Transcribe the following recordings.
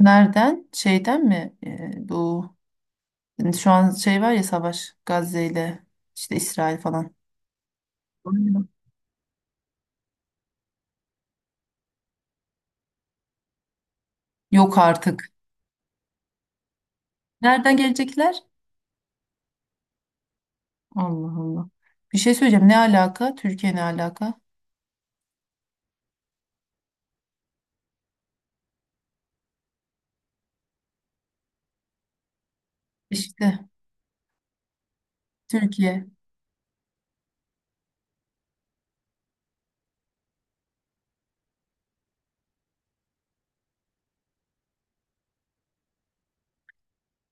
Nereden? Şeyden mi? Bu hani şu an şey var ya savaş Gazze ile işte İsrail falan. Aynen. Yok artık. Nereden gelecekler? Allah Allah. Bir şey söyleyeceğim. Ne alaka? Türkiye ne alaka? İşte Türkiye.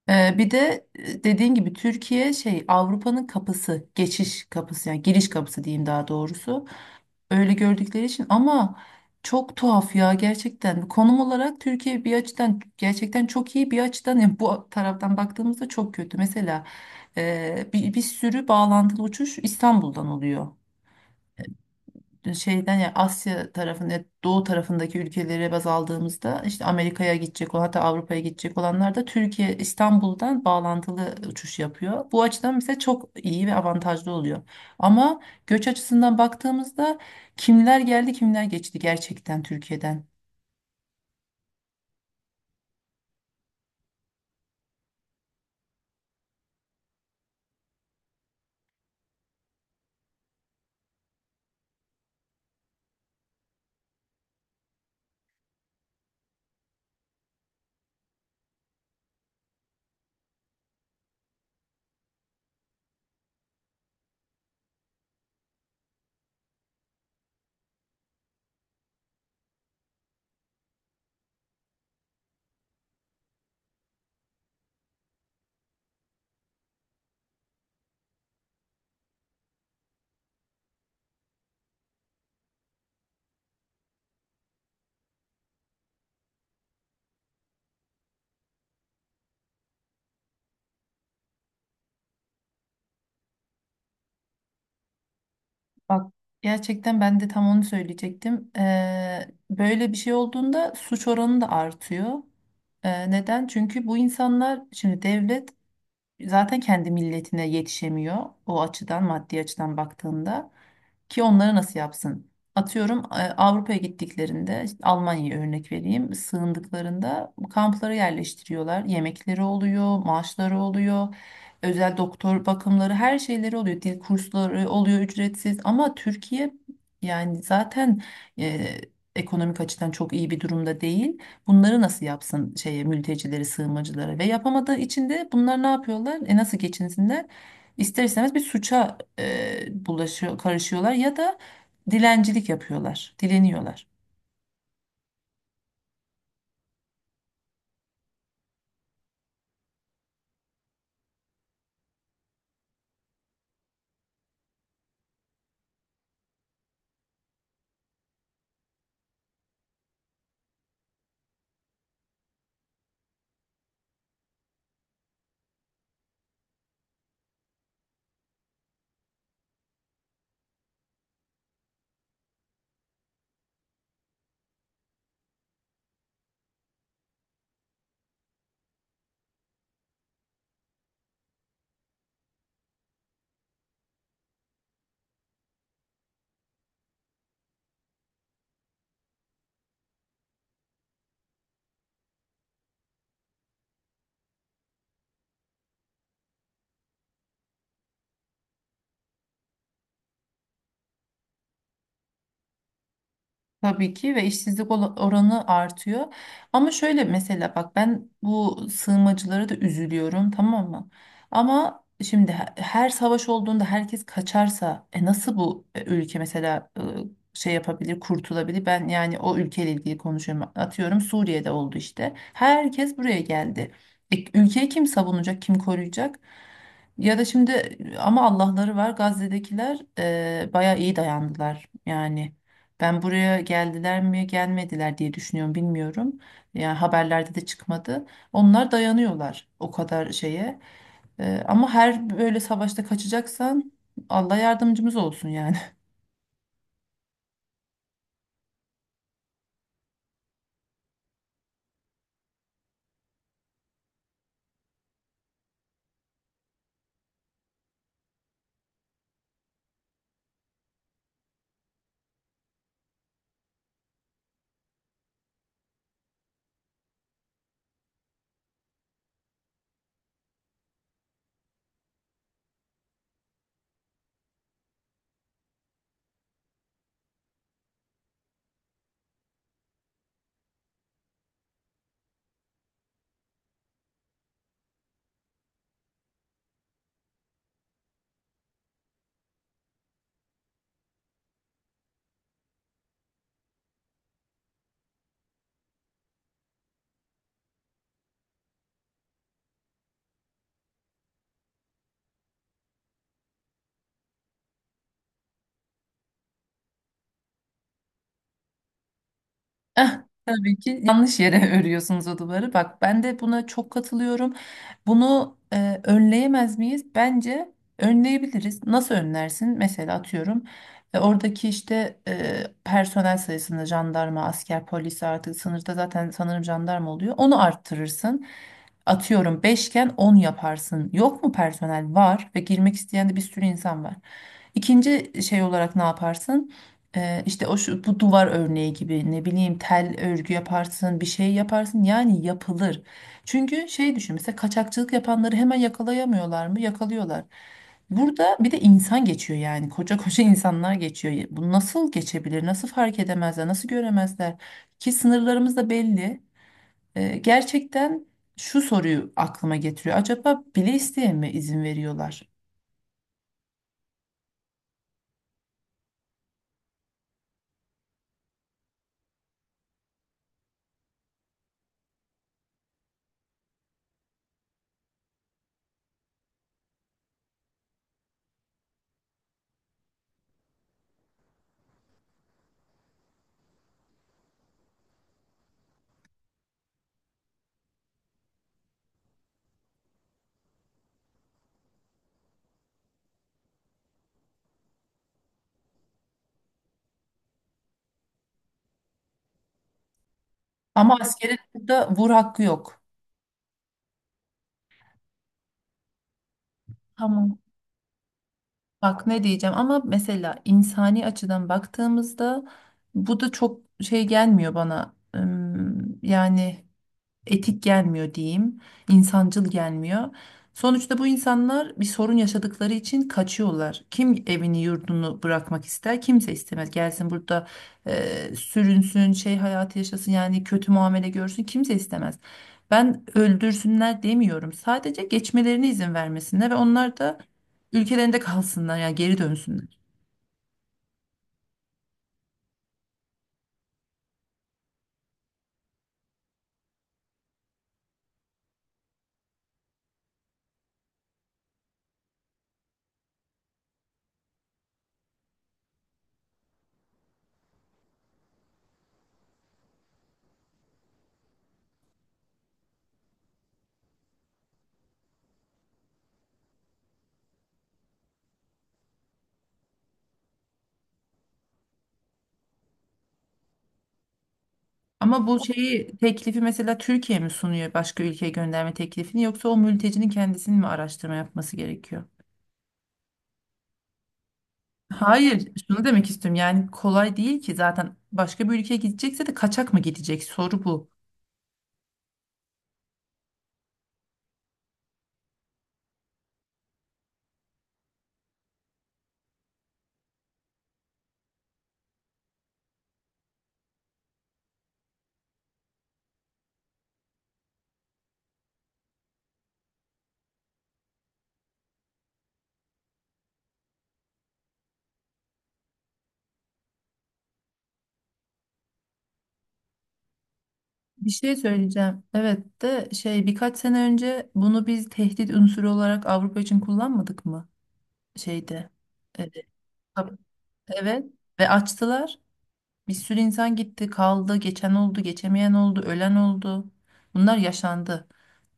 Bir de dediğin gibi Türkiye şey Avrupa'nın kapısı, geçiş kapısı yani giriş kapısı diyeyim daha doğrusu. Öyle gördükleri için ama çok tuhaf ya gerçekten. Konum olarak Türkiye bir açıdan gerçekten çok iyi bir açıdan yani bu taraftan baktığımızda çok kötü. Mesela bir sürü bağlantılı uçuş İstanbul'dan oluyor şeyden ya Asya tarafında doğu tarafındaki ülkelere baz aldığımızda işte Amerika'ya gidecek olan, hatta Avrupa'ya gidecek olanlar da Türkiye İstanbul'dan bağlantılı uçuş yapıyor. Bu açıdan mesela çok iyi ve avantajlı oluyor. Ama göç açısından baktığımızda kimler geldi kimler geçti gerçekten Türkiye'den. Bak gerçekten ben de tam onu söyleyecektim. Böyle bir şey olduğunda suç oranı da artıyor. Neden? Çünkü bu insanlar şimdi devlet zaten kendi milletine yetişemiyor o açıdan maddi açıdan baktığında ki onları nasıl yapsın? Atıyorum Avrupa'ya gittiklerinde işte Almanya'ya örnek vereyim sığındıklarında kamplara yerleştiriyorlar yemekleri oluyor maaşları oluyor. Özel doktor bakımları her şeyleri oluyor. Dil kursları oluyor ücretsiz ama Türkiye yani zaten e, ekonomik açıdan çok iyi bir durumda değil. Bunları nasıl yapsın şeye mültecileri, sığınmacıları ve yapamadığı için de bunlar ne yapıyorlar? E nasıl geçinsinler? İster istemez bir suça bulaşıyor, karışıyorlar ya da dilencilik yapıyorlar, dileniyorlar. Tabii ki ve işsizlik oranı artıyor. Ama şöyle mesela bak ben bu sığınmacılara da üzülüyorum tamam mı? Ama şimdi her savaş olduğunda herkes kaçarsa e nasıl bu ülke mesela şey yapabilir, kurtulabilir? Ben yani o ülkeyle ilgili konuşuyorum. Atıyorum Suriye'de oldu işte. Herkes buraya geldi. Ülkeyi kim savunacak, kim koruyacak? Ya da şimdi ama Allah'ları var Gazze'dekiler bayağı iyi dayandılar yani. Ben buraya geldiler mi gelmediler diye düşünüyorum bilmiyorum. Yani haberlerde de çıkmadı. Onlar dayanıyorlar o kadar şeye. Ama her böyle savaşta kaçacaksan Allah yardımcımız olsun yani. Eh, Tabii ki yanlış yere örüyorsunuz o duvarı. Bak ben de buna çok katılıyorum. Bunu önleyemez miyiz? Bence önleyebiliriz. Nasıl önlersin? Mesela atıyorum oradaki işte personel sayısını jandarma, asker, polis artık sınırda zaten sanırım jandarma oluyor. Onu arttırırsın. Atıyorum beşken 10 yaparsın. Yok mu personel? Var ve girmek isteyen de bir sürü insan var. İkinci şey olarak ne yaparsın? İşte o şu, bu duvar örneği gibi ne bileyim tel örgü yaparsın bir şey yaparsın yani yapılır. Çünkü şey düşün mesela kaçakçılık yapanları hemen yakalayamıyorlar mı? Yakalıyorlar. Burada bir de insan geçiyor yani koca koca insanlar geçiyor. Bu nasıl geçebilir? Nasıl fark edemezler? Nasıl göremezler? Ki sınırlarımız da belli. Gerçekten şu soruyu aklıma getiriyor. Acaba bile isteye mi izin veriyorlar? Ama askerin burada vur hakkı yok. Tamam. Bak ne diyeceğim ama mesela insani açıdan baktığımızda bu da çok şey gelmiyor bana. Yani etik gelmiyor diyeyim, insancıl gelmiyor. Sonuçta bu insanlar bir sorun yaşadıkları için kaçıyorlar. Kim evini yurdunu bırakmak ister? Kimse istemez. Gelsin burada sürünsün, şey hayatı yaşasın yani kötü muamele görsün kimse istemez. Ben öldürsünler demiyorum. Sadece geçmelerine izin vermesinler ve onlar da ülkelerinde kalsınlar yani geri dönsünler. Ama bu şeyi teklifi mesela Türkiye mi sunuyor başka ülkeye gönderme teklifini yoksa o mültecinin kendisinin mi araştırma yapması gerekiyor? Hayır, şunu demek istiyorum. Yani kolay değil ki zaten başka bir ülkeye gidecekse de kaçak mı gidecek? Soru bu. Bir şey söyleyeceğim. Evet de şey birkaç sene önce bunu biz tehdit unsuru olarak Avrupa için kullanmadık mı? Şeyde. Evet. Tabii. Evet. Ve açtılar. Bir sürü insan gitti, kaldı, geçen oldu, geçemeyen oldu, ölen oldu. Bunlar yaşandı.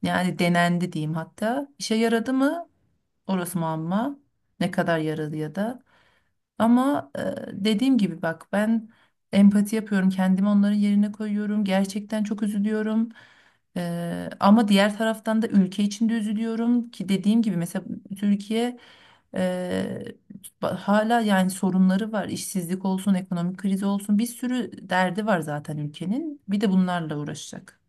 Yani denendi diyeyim hatta. İşe yaradı mı? Orası muamma. Ne kadar yaradı ya da. Ama dediğim gibi bak ben empati yapıyorum. Kendimi onların yerine koyuyorum. Gerçekten çok üzülüyorum. Ama diğer taraftan da ülke içinde üzülüyorum ki dediğim gibi mesela Türkiye e, hala yani sorunları var. İşsizlik olsun, ekonomik kriz olsun bir sürü derdi var zaten ülkenin. Bir de bunlarla uğraşacak.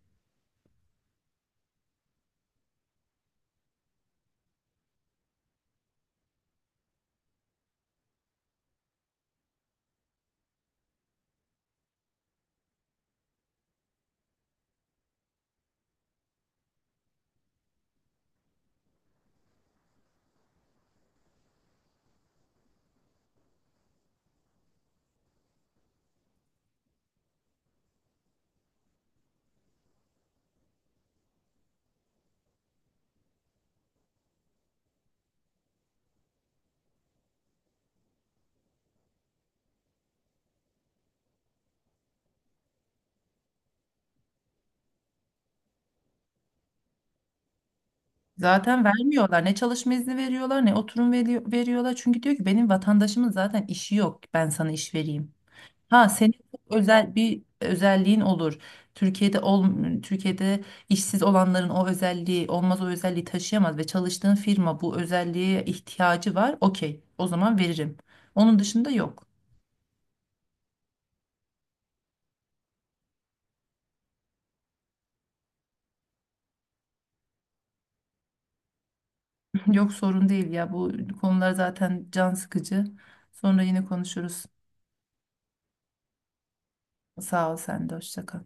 Zaten vermiyorlar. Ne çalışma izni veriyorlar ne oturum veriyorlar. Çünkü diyor ki benim vatandaşımın zaten işi yok. Ben sana iş vereyim. Ha senin çok özel bir özelliğin olur. Türkiye'de ol, Türkiye'de işsiz olanların o özelliği olmaz o özelliği taşıyamaz ve çalıştığın firma bu özelliğe ihtiyacı var. Okey, o zaman veririm. Onun dışında yok. Yok sorun değil ya bu konular zaten can sıkıcı. Sonra yine konuşuruz. Sağ ol sen de hoşça kal.